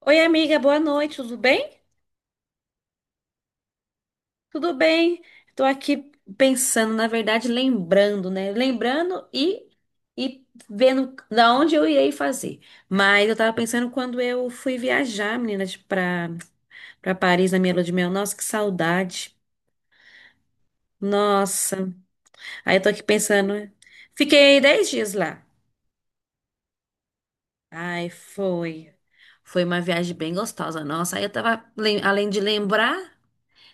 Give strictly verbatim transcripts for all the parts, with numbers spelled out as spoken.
Oi, amiga, boa noite, tudo bem? Tudo bem. Tô aqui pensando, na verdade, lembrando, né? Lembrando e, e vendo da onde eu irei fazer. Mas eu tava pensando quando eu fui viajar, meninas, pra, pra Paris na minha lua de mel. Nossa, que saudade. Nossa. Aí eu tô aqui pensando, né? Fiquei dez dias lá. Ai, foi. Foi uma viagem bem gostosa. Nossa, aí eu tava, lem- além de lembrar.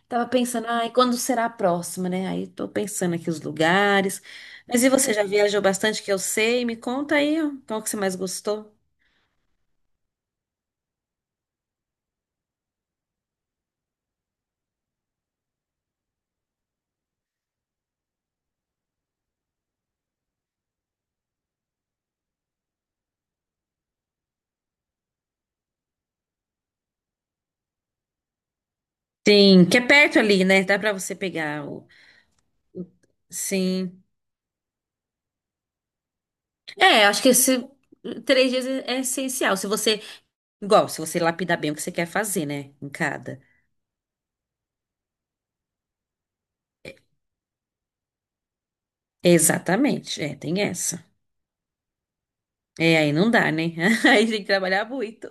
Tava pensando, ai, quando será a próxima, né? Aí tô pensando aqui os lugares. Mas e você já viajou bastante que eu sei? Me conta aí, ó, qual que você mais gostou? Sim, que é perto ali, né? Dá pra você pegar o... o- Sim. É, acho que esse três dias é é essencial. Se você, igual, se você lapidar bem o que você quer fazer, né? Em cada. Exatamente. É, tem essa. É, aí não dá, né? Aí tem que trabalhar muito.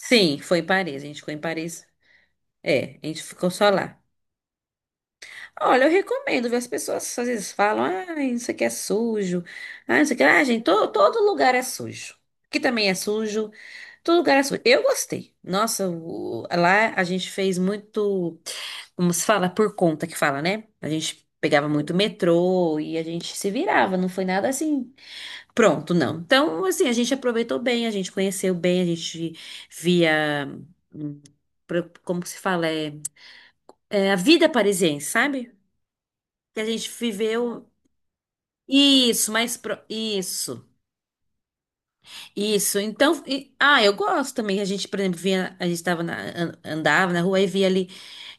Sim, foi em Paris. A gente ficou em Paris. É, a gente ficou só lá. Olha, eu recomendo, viu? As pessoas às vezes falam, ah, isso aqui é sujo, ah, isso aqui, ah, gente, to- todo lugar é sujo. Aqui também é sujo, todo lugar é sujo. Eu gostei. Nossa, o- lá a gente fez muito, como se fala, por conta que fala, né? A gente pegava muito metrô e a gente se virava, não foi nada assim, pronto, não. Então, assim, a gente aproveitou bem, a gente conheceu bem, a gente via, hum, pro- como que se fala, é, é a vida parisiense, sabe? Que a gente viveu. Isso, mais pro... isso, isso. Então, e- ah, eu gosto também. A gente, por exemplo, via, a gente tava na, an- andava na rua e via ali.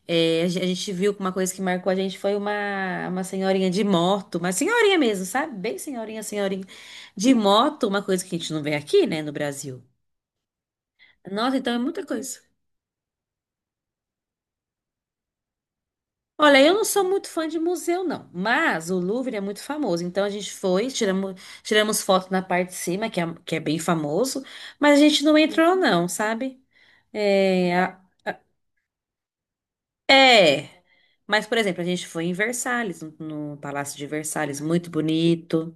É, a gen- a gente viu que uma coisa que marcou a gente foi uma, uma senhorinha de moto, uma senhorinha mesmo, sabe? Bem senhorinha, senhorinha de moto, uma coisa que a gente não vê aqui, né, no Brasil. Nossa, então é muita coisa. Olha, eu não sou muito fã de museu, não, mas o Louvre é muito famoso. Então a gente foi, tiramos, tiramos foto na parte de cima, que é, que é bem famoso, mas a gente não entrou, não, sabe? É, a- é. Mas, por exemplo, a gente foi em Versalhes, no, no Palácio de Versalhes, muito bonito.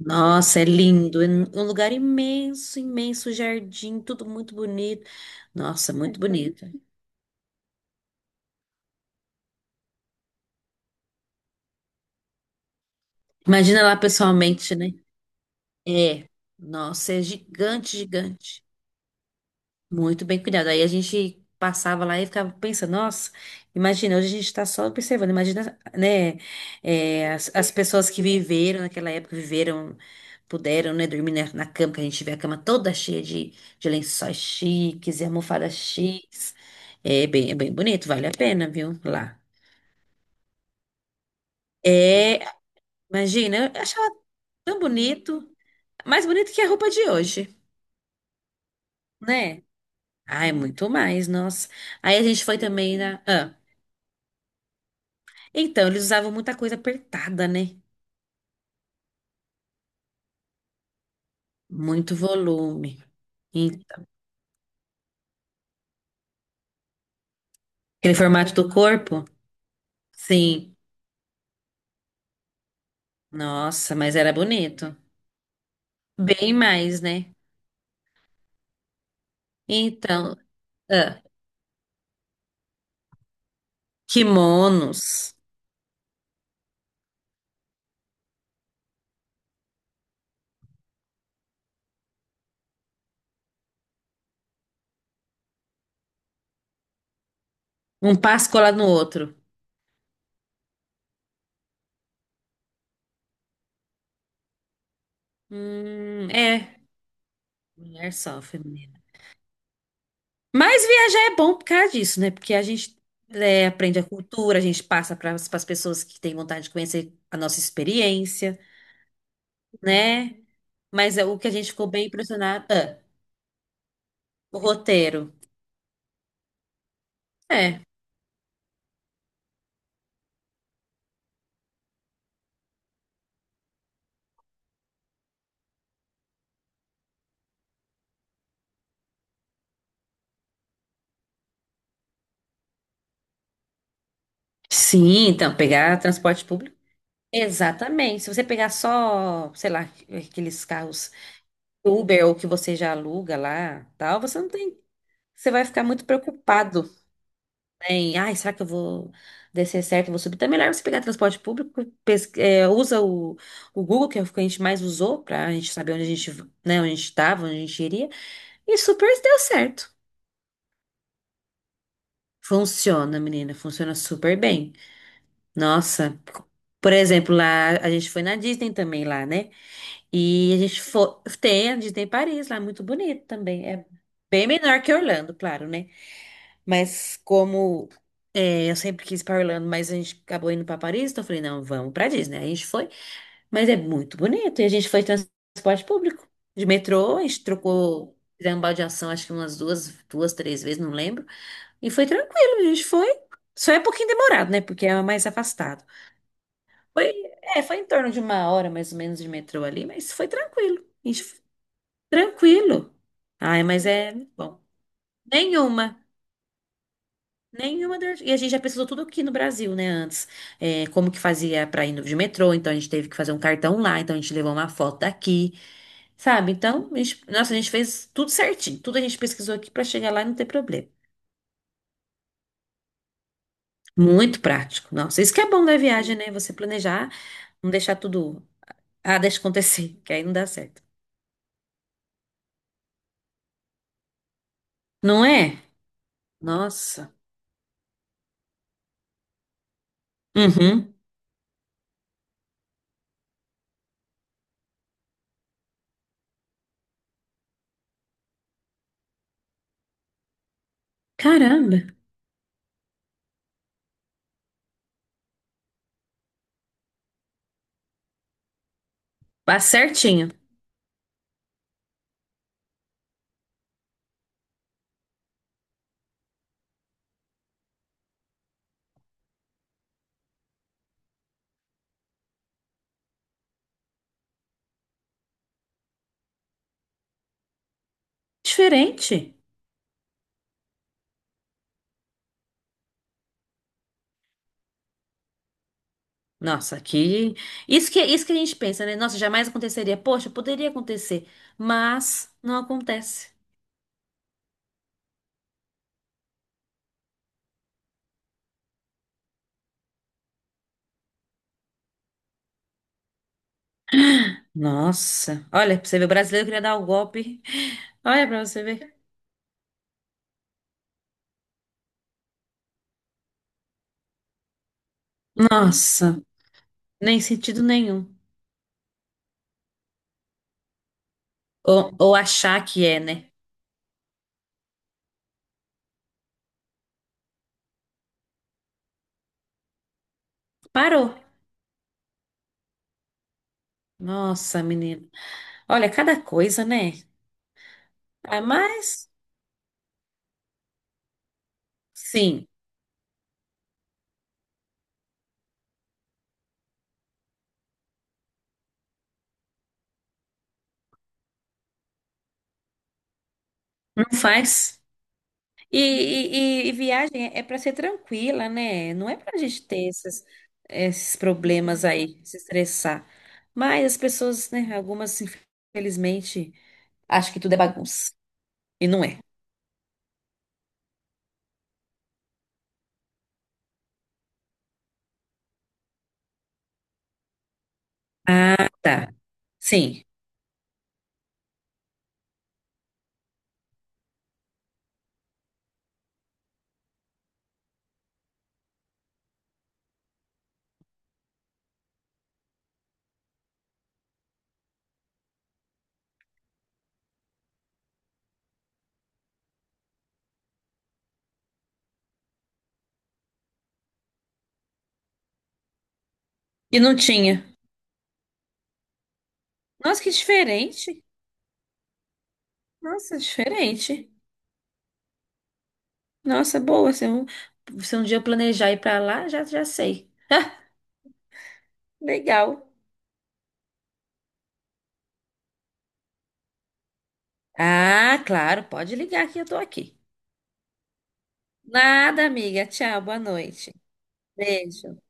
Nossa, é lindo, é um lugar imenso, imenso jardim, tudo muito bonito. Nossa, muito bonito. Imagina lá pessoalmente, né? É, nossa, é gigante, gigante. Muito bem cuidado. Aí a gente passava lá e ficava pensando, nossa, imagina, hoje a gente está só observando, imagina, né, é, as, as pessoas que viveram naquela época, viveram, puderam, né, dormir na, na cama, que a gente vê a cama toda cheia de, de lençóis chiques e almofadas chiques. É bem, é bem bonito, vale a pena, viu? Lá. É, imagina, eu achava tão bonito, mais bonito que a roupa de hoje, né? Ai, muito mais, nossa. Aí a gente foi também na. Ah. Então, eles usavam muita coisa apertada, né? Muito volume. Então, aquele formato do corpo? Sim. Nossa, mas era bonito. Bem mais, né? Então, ah, kimonos. Um passo colado no outro. Hum, é. Mulher só, feminina. Mas viajar é bom por causa disso, né? Porque a gente é, aprende a cultura, a gente passa para as pessoas que têm vontade de conhecer a nossa experiência, né? Mas é o que a gente ficou bem impressionado. Ah. O roteiro. É. Sim, então, pegar transporte público. Exatamente. Se você pegar só, sei lá, aqueles carros Uber ou que você já aluga lá, tal, você não tem. Você vai ficar muito preocupado, né, em, ai, será que eu vou descer certo, eu vou subir? Então é melhor você pegar transporte público, pes- é, usa o, o, Google, que é o que a gente mais usou, pra gente saber onde a gente, né, onde a gente tava, onde a gente iria, e super deu certo. Funciona, menina, funciona super bem. Nossa, por exemplo, lá a gente foi na Disney também lá, né? E a gente foi, tem a Disney Paris lá, muito bonito também. É bem menor que Orlando, claro, né? Mas como é, eu sempre quis ir para Orlando, mas a gente acabou indo para Paris, então eu falei, não, vamos para Disney. Aí a gente foi, mas é muito bonito. E a gente foi em transporte público, de metrô, a gente trocou, fizemos baldeação, acho que umas duas, duas, três vezes, não lembro. E foi tranquilo, a gente foi. Só é um pouquinho demorado, né? Porque é mais afastado. Foi, é, foi em torno de uma hora mais ou menos de metrô ali, mas foi tranquilo. Ixi, tranquilo. Ai, mas é bom. Nenhuma. Nenhuma dor. E a gente já pesquisou tudo aqui no Brasil, né? Antes, é, como que fazia pra ir no- de metrô, então a gente teve que fazer um cartão lá, então a gente levou uma foto daqui, sabe? Então, a gente, nossa, a gente fez tudo certinho. Tudo a gente pesquisou aqui pra chegar lá e não ter problema. Muito prático. Nossa, isso que é bom da viagem, né? Você planejar, não deixar tudo. Ah, deixa acontecer, que aí não dá certo. Não é? Nossa. Uhum. Caramba. Tá certinho. Diferente. Nossa, aqui. Isso que, isso que a gente pensa, né? Nossa, jamais aconteceria. Poxa, poderia acontecer, mas não acontece. Nossa. Olha, pra você ver, o brasileiro queria dar o golpe. Olha pra você ver. Nossa, nem sentido nenhum. Ou, ou achar que é, né? Parou. Nossa, menina. Olha, cada coisa, né? Ah, mas, sim, não faz. E, e- e- e viagem é para ser tranquila, né? Não é para a gente ter esses, esses problemas aí, se estressar. Mas as pessoas, né? Algumas, infelizmente, acham que tudo é bagunça. E não é. Ah, tá. Sim. E não tinha. Nossa, que diferente. Nossa, diferente. Nossa, boa. Se um, se um dia eu planejar ir para lá, já, já sei. Legal. Ah, claro, pode ligar que eu tô aqui. Nada, amiga. Tchau, boa noite. Beijo.